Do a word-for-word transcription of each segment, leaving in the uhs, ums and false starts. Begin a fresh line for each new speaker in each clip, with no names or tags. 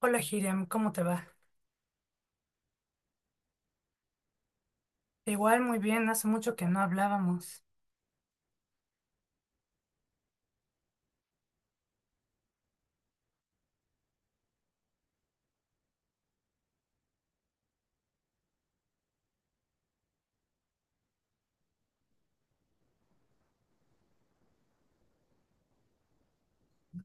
Hola, Hiriam, ¿cómo te va? Igual, muy bien, hace mucho que no hablábamos.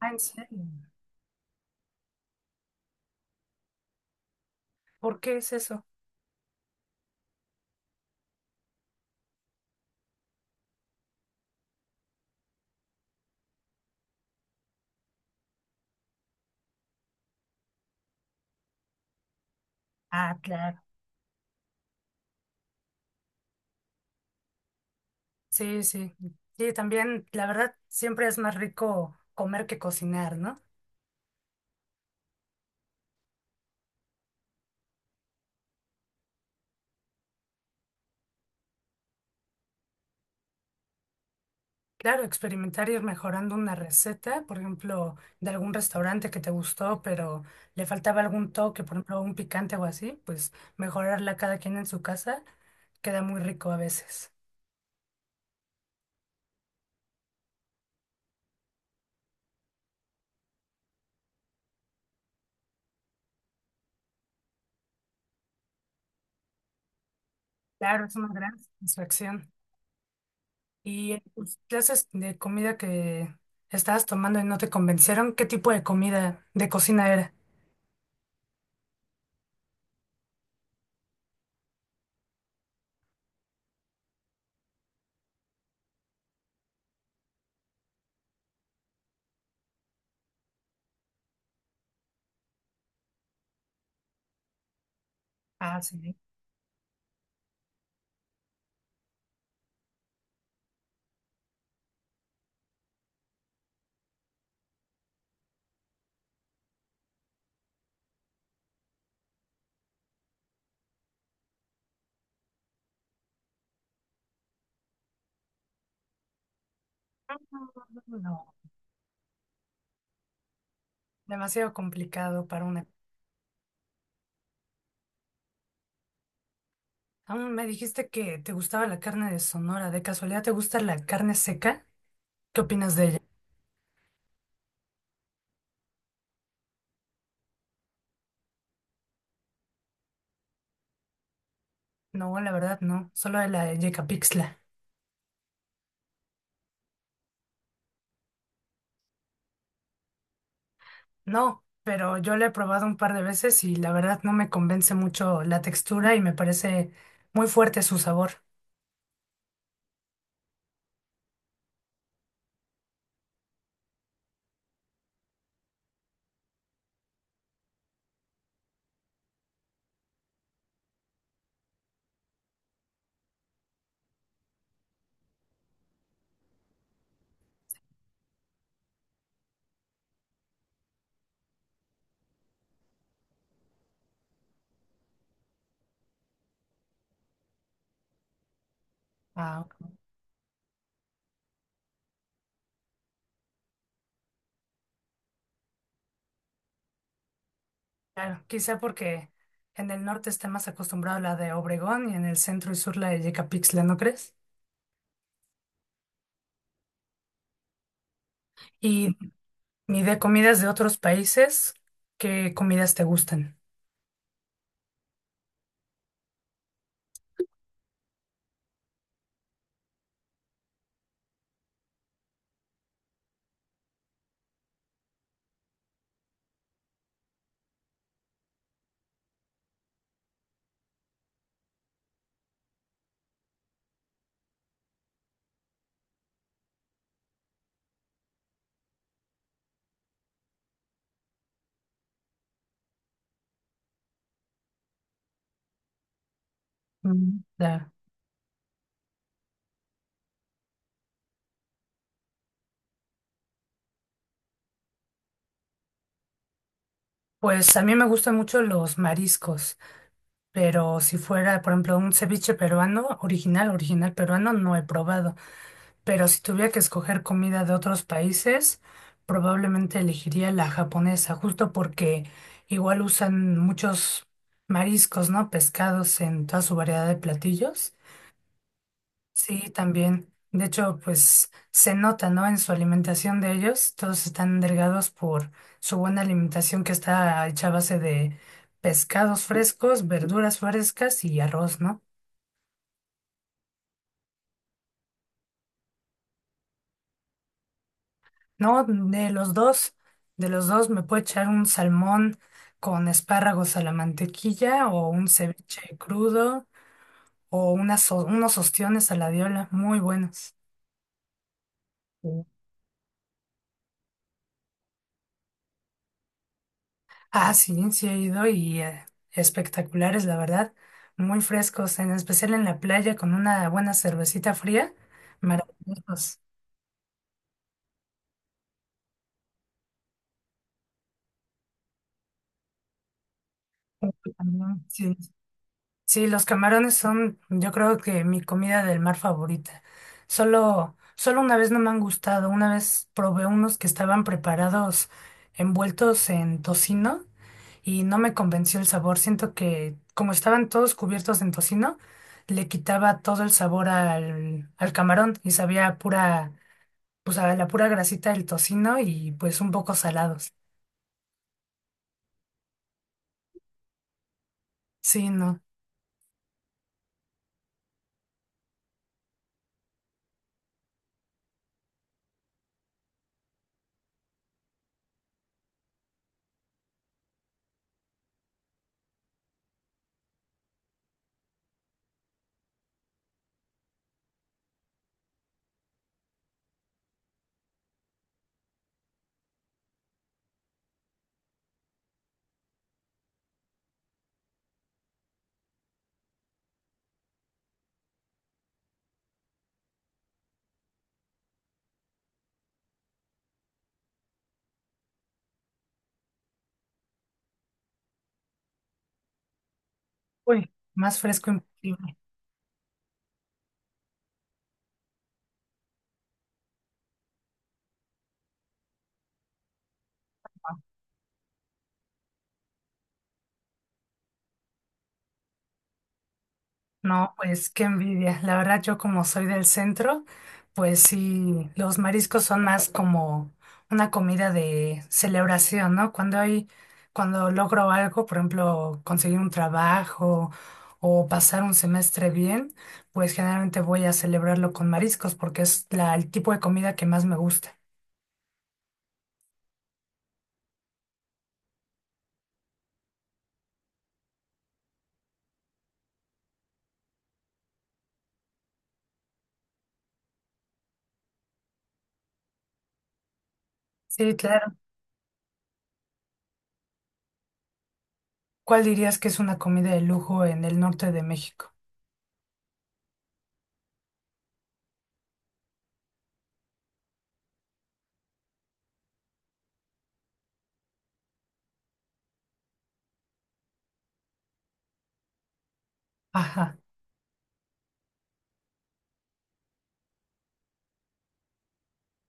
Ah, ¿en serio? ¿Por qué es eso? Ah, claro. Sí, sí. Sí, también, la verdad, siempre es más rico comer que cocinar, ¿no? Claro, experimentar ir mejorando una receta, por ejemplo, de algún restaurante que te gustó, pero le faltaba algún toque, por ejemplo, un picante o así, pues mejorarla cada quien en su casa queda muy rico a veces. Claro, es una gran satisfacción. ¿Y en tus clases de comida que estabas tomando y no te convencieron? ¿Qué tipo de comida de cocina era? Ah, sí. No, demasiado complicado para una. Aún me dijiste que te gustaba la carne de Sonora. ¿De casualidad te gusta la carne seca? ¿Qué opinas de ella? No, la verdad no. Solo de la de Yecapixtla. No, pero yo la he probado un par de veces y la verdad no me convence mucho la textura y me parece muy fuerte su sabor. Ah. Claro, quizá porque en el norte está más acostumbrado a la de Obregón y en el centro y sur la de Yecapixtla, ¿no crees? Y ni de comidas de otros países, ¿qué comidas te gustan? Mm, claro. Pues a mí me gustan mucho los mariscos, pero si fuera, por ejemplo, un ceviche peruano, original, original peruano, no he probado. Pero si tuviera que escoger comida de otros países, probablemente elegiría la japonesa, justo porque igual usan muchos mariscos, ¿no? Pescados en toda su variedad de platillos. Sí, también. De hecho, pues se nota, ¿no? En su alimentación de ellos, todos están delgados por su buena alimentación que está hecha a base de pescados frescos, verduras frescas y arroz, ¿no? No, de los dos, de los dos me puedo echar un salmón con espárragos a la mantequilla o un ceviche crudo o unas, o- unos ostiones a la diola, muy buenos. Mm. Ah, sí, sí he ido y eh, espectaculares, la verdad, muy frescos, en especial en la playa con una buena cervecita fría, maravillosos. También, sí. Sí, los camarones son, yo creo que mi comida del mar favorita. Solo, solo una vez no me han gustado. Una vez probé unos que estaban preparados envueltos en tocino y no me convenció el sabor. Siento que como estaban todos cubiertos en tocino, le quitaba todo el sabor al, al camarón y sabía a pura, pues a la pura grasita del tocino y pues un poco salados. Sí, no. Uy, más fresco imposible. No, pues qué envidia. La verdad, yo como soy del centro, pues sí, los mariscos son más como una comida de celebración, ¿no? Cuando hay, cuando logro algo, por ejemplo, conseguir un trabajo o pasar un semestre bien, pues generalmente voy a celebrarlo con mariscos porque es la, el tipo de comida que más me gusta. Sí, claro. ¿Cuál dirías que es una comida de lujo en el norte de México? Ajá.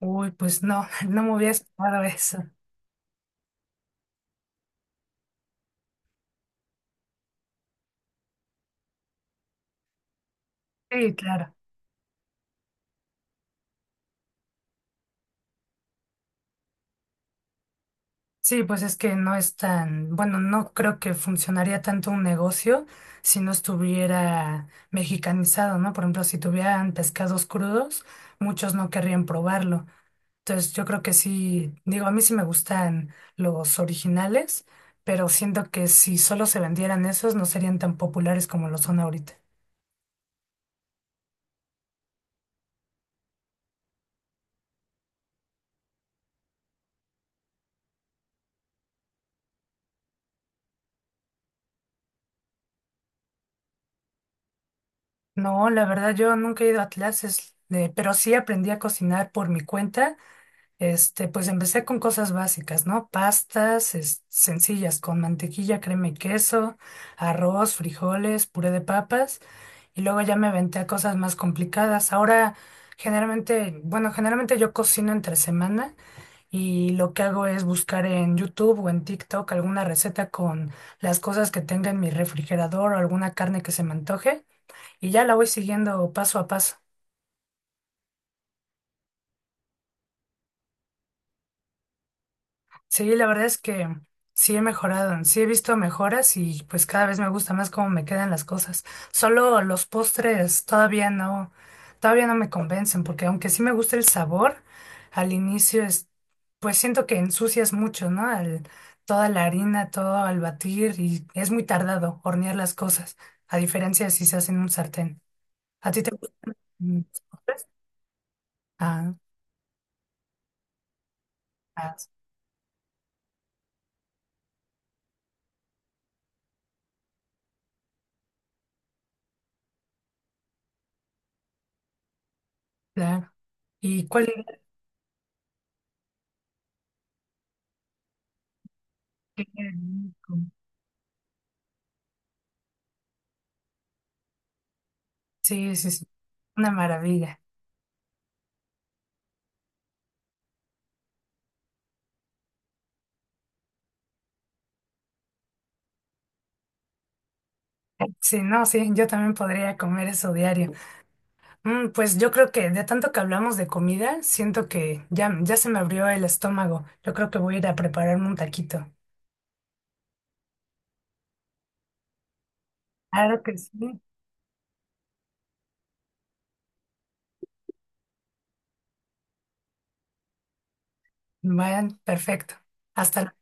Uy, pues no, no me hubiera esperado eso. Sí, claro. Sí, pues es que no es tan, bueno, no creo que funcionaría tanto un negocio si no estuviera mexicanizado, ¿no? Por ejemplo, si tuvieran pescados crudos, muchos no querrían probarlo. Entonces, yo creo que sí, digo, a mí sí me gustan los originales, pero siento que si solo se vendieran esos, no serían tan populares como lo son ahorita. No, la verdad, yo nunca he ido a clases, de, pero sí aprendí a cocinar por mi cuenta. Este, pues empecé con cosas básicas, ¿no? Pastas, es- sencillas, con mantequilla, crema y queso, arroz, frijoles, puré de papas, y luego ya me aventé a cosas más complicadas. Ahora, generalmente, bueno, generalmente yo cocino entre semana y lo que hago es buscar en YouTube o en TikTok alguna receta con las cosas que tenga en mi refrigerador o alguna carne que se me antoje, y ya la voy siguiendo paso a paso. Sí, la verdad es que sí he mejorado, sí he visto mejoras y pues cada vez me gusta más cómo me quedan las cosas. Solo los postres todavía no, todavía no, me convencen, porque aunque sí me gusta el sabor, al inicio es, pues siento que ensucias mucho, ¿no? Al- toda la harina, todo al batir y es muy tardado hornear las cosas, a diferencia de si se hace en un sartén. ¿A ti te gustan los postres? Ah, ah, claro. ¿Y cuál era? Sí, sí, sí. Una maravilla. Sí, no, sí, yo también podría comer eso diario. Mm, pues yo creo que de tanto que hablamos de comida, siento que ya, ya se me abrió el estómago. Yo creo que voy a ir a prepararme un taquito. Claro que sí. Vayan, perfecto. Hasta luego.